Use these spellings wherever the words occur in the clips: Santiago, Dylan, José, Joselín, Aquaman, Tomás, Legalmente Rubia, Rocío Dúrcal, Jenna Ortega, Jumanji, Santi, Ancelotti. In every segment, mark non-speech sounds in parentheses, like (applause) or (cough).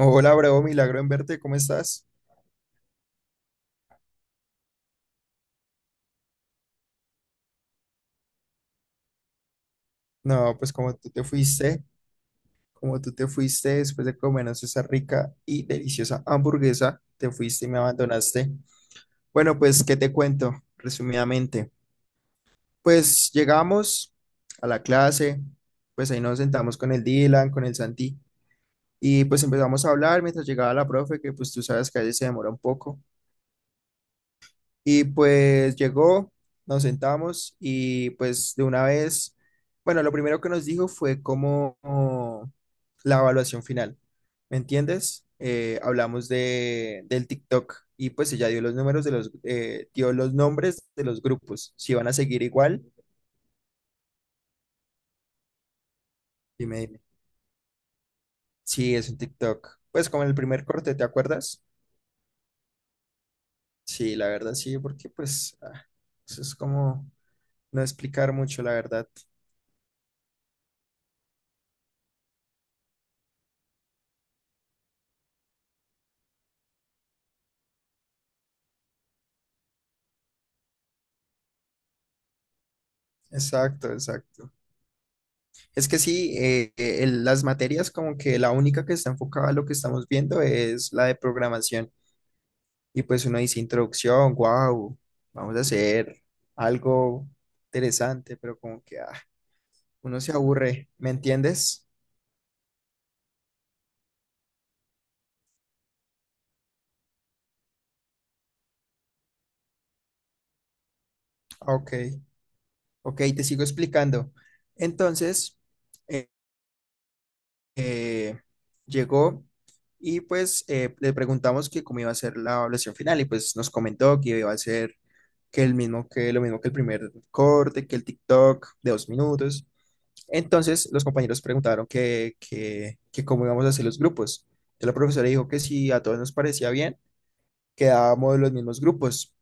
Hola, bro, milagro en verte, ¿cómo estás? No, pues como tú te fuiste después de comernos esa rica y deliciosa hamburguesa, te fuiste y me abandonaste. Bueno, pues, ¿qué te cuento resumidamente? Pues llegamos a la clase, pues ahí nos sentamos con el Dylan, con el Santi, y pues empezamos a hablar mientras llegaba la profe, que pues tú sabes que a veces se demora un poco. Y pues llegó, nos sentamos y pues de una vez, bueno, lo primero que nos dijo fue como la evaluación final, ¿me entiendes? Hablamos del TikTok y pues ella dio los números dio los nombres de los grupos, si van a seguir igual, dime, dime. Sí, es un TikTok. Pues como en el primer corte, ¿te acuerdas? Sí, la verdad sí, porque pues eso es como no explicar mucho, la verdad. Exacto, exacto. Es que sí, las materias como que la única que está enfocada a lo que estamos viendo es la de programación. Y pues uno dice introducción, wow, vamos a hacer algo interesante, pero como que uno se aburre, ¿me entiendes? Ok, ok, te sigo explicando. Entonces, eh, llegó y pues le preguntamos que cómo iba a ser la evaluación final y pues nos comentó que iba a ser que lo mismo que el primer corte, que el TikTok de 2 minutos. Entonces los compañeros preguntaron que cómo íbamos a hacer los grupos. Entonces, la profesora dijo que si a todos nos parecía bien, quedábamos los mismos grupos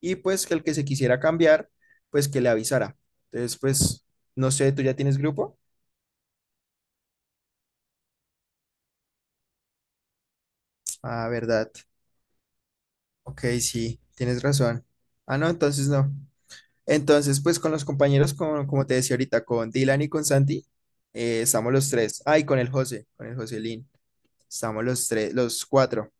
y pues que el que se quisiera cambiar, pues que le avisara. Entonces, pues, no sé, ¿tú ya tienes grupo? Ah, ¿verdad? Ok, sí, tienes razón. Ah, no, entonces no. Entonces, pues con los compañeros, como te decía ahorita, con Dylan y con Santi, estamos los tres. Ay, con el José, con el Joselín. Estamos los tres, los cuatro.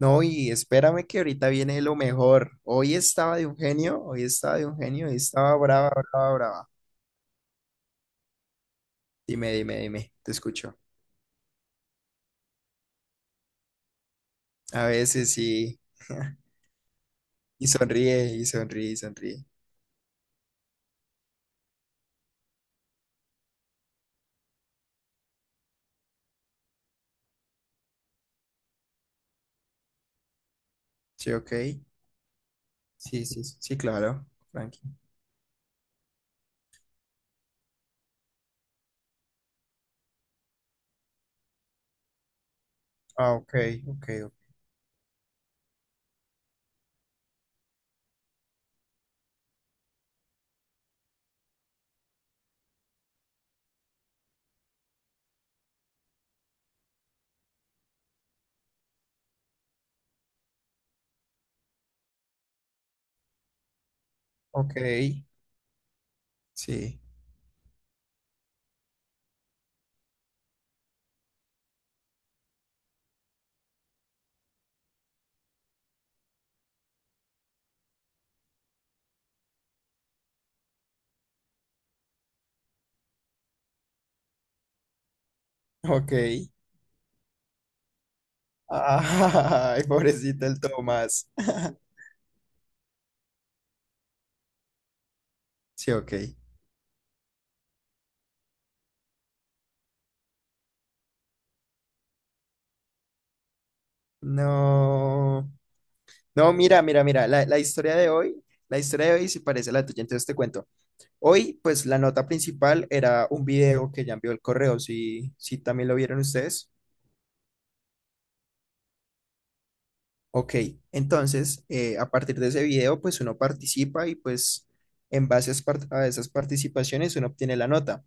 No, y espérame que ahorita viene lo mejor. Hoy estaba de un genio, hoy estaba de un genio, hoy estaba brava, brava, brava. Dime, dime, dime, te escucho. A veces sí. (laughs) Y sonríe, y sonríe, y sonríe. Sí, ok. Sí, sí, sí, claro. Tranqui. Ah, ok, ok, ok. Ok, sí, ok. (laughs) Ay, pobrecito el Tomás. Sí, ok. No, no, mira, mira, mira, la historia de hoy, la historia de hoy sí parece la tuya, entonces te cuento. Hoy, pues la nota principal era un video que ya envió el correo, si también lo vieron ustedes. Ok, entonces, a partir de ese video, pues uno participa y pues en base a esas participaciones uno obtiene la nota.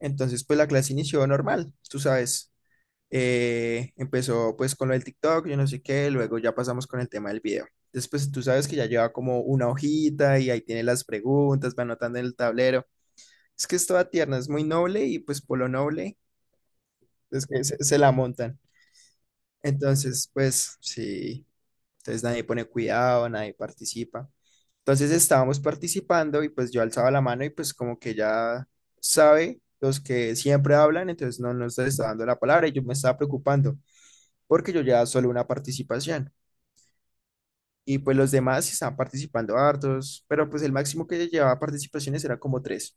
Entonces, pues la clase inició normal, tú sabes. Empezó pues con lo del TikTok, yo no sé qué, luego ya pasamos con el tema del video. Después tú sabes que ya lleva como una hojita y ahí tiene las preguntas, va anotando en el tablero. Es que es toda tierna, es muy noble y pues por lo noble es que se la montan. Entonces, pues sí, entonces nadie pone cuidado, nadie participa. Entonces estábamos participando y pues yo alzaba la mano y pues como que ya sabe los que siempre hablan, entonces no nos está dando la palabra y yo me estaba preocupando porque yo ya solo una participación. Y pues los demás sí estaban participando hartos, pero pues el máximo que llevaba participaciones era como tres.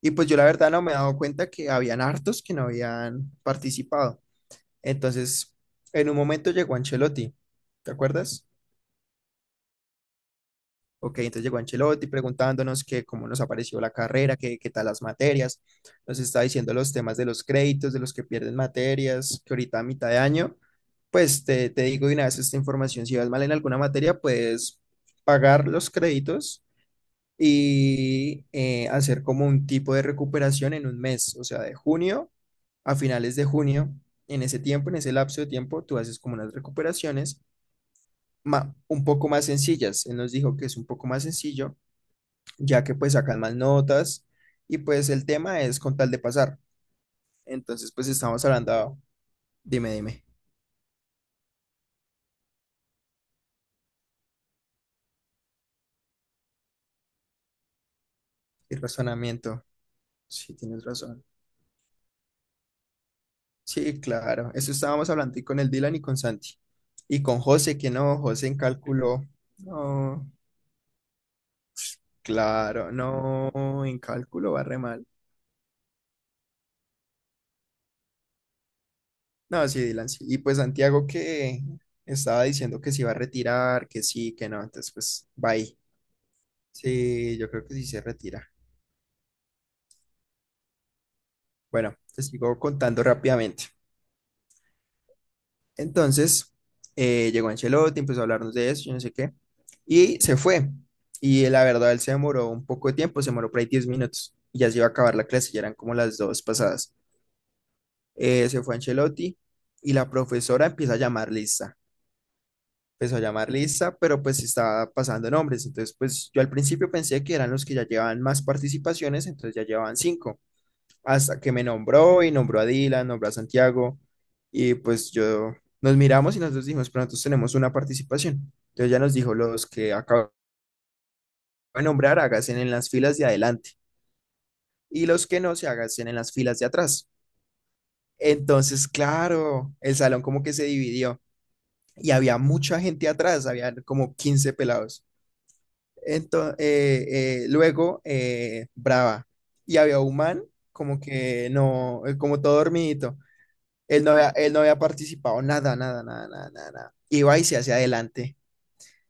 Y pues yo la verdad no me he dado cuenta que habían hartos que no habían participado. Entonces, en un momento llegó Ancelotti, ¿te acuerdas? Ok, entonces llegó Ancelotti preguntándonos que cómo nos apareció la carrera, que qué tal las materias. Nos está diciendo los temas de los créditos, de los que pierden materias, que ahorita a mitad de año, pues te digo de una vez esta información, si vas mal en alguna materia, puedes pagar los créditos y hacer como un tipo de recuperación en un mes, o sea, de junio a finales de junio, en ese tiempo, en ese lapso de tiempo, tú haces como unas recuperaciones un poco más sencillas. Él nos dijo que es un poco más sencillo ya que pues sacan más notas y pues el tema es con tal de pasar. Entonces pues estamos hablando, dime, dime, el razonamiento, sí, tienes razón. Sí, claro, eso estábamos hablando y con el Dylan y con Santi. Y con José, que no, José en cálculo, no, claro, no, en cálculo va re mal. No, sí, Dylan, sí. Y pues Santiago que estaba diciendo que se iba a retirar, que sí, que no, entonces pues va ahí. Sí, yo creo que sí se retira. Bueno, te sigo contando rápidamente. Entonces, llegó Ancelotti, empezó a hablarnos de eso, yo no sé qué, y se fue. Y la verdad, él se demoró un poco de tiempo, se demoró por ahí 10 minutos, y ya se iba a acabar la clase, ya eran como las dos pasadas. Se fue Ancelotti y la profesora empieza a llamar lista. Empezó a llamar lista, pero pues estaba pasando nombres. Entonces, pues yo al principio pensé que eran los que ya llevaban más participaciones, entonces ya llevaban cinco hasta que me nombró y nombró a Dylan, nombró a Santiago y pues yo nos miramos y nosotros dijimos, pero nosotros tenemos una participación. Entonces ya nos dijo, los que acabo de nombrar, háganse en las filas de adelante y los que no, se háganse en las filas de atrás. Entonces, claro, el salón como que se dividió y había mucha gente atrás, había como 15 pelados. Entonces, luego, Brava, y había un man como que no, como todo dormidito. Él no había participado, nada, nada, nada, nada, nada, nada. Iba y se hacia adelante.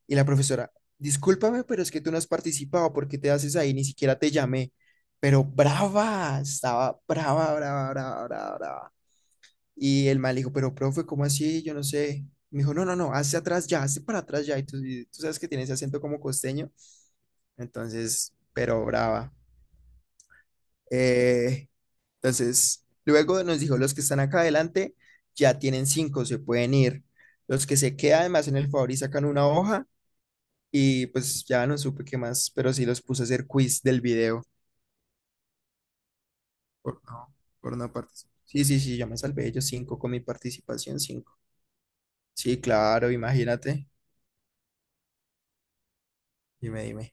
Y la profesora, discúlpame, pero es que tú no has participado, ¿por qué te haces ahí? Ni siquiera te llamé. Pero brava, estaba brava, brava, brava, brava, brava. Y el mal dijo, pero profe, ¿cómo así? Yo no sé. Me dijo, no, no, no, hacia atrás ya, hazte para atrás ya. Y tú sabes que tiene ese acento como costeño. Entonces, pero brava. Eh, Entonces, luego nos dijo, los que están acá adelante ya tienen cinco, se pueden ir. Los que se quedan, además, en el favor y sacan una hoja y pues ya no supe qué más, pero sí los puse a hacer quiz del video por no, por no participar. Sí, sí, sí, yo me salvé yo cinco con mi participación, cinco. Sí, claro, imagínate. Dime, dime.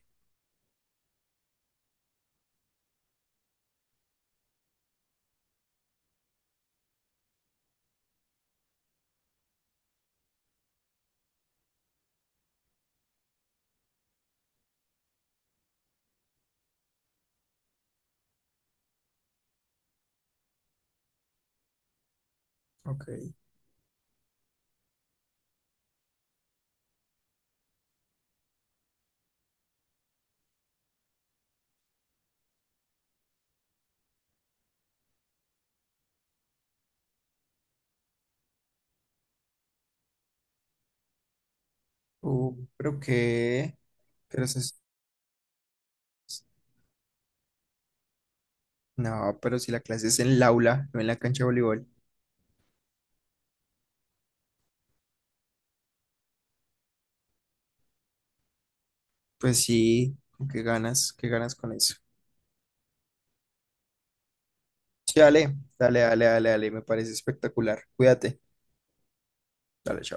Ok. Pero qué, pero eso es- no, pero si la clase es en el aula, no en la cancha de voleibol, pues sí, ¿con qué ganas con eso. Sí, dale, dale, dale, dale, dale, me parece espectacular. Cuídate. Dale, chao.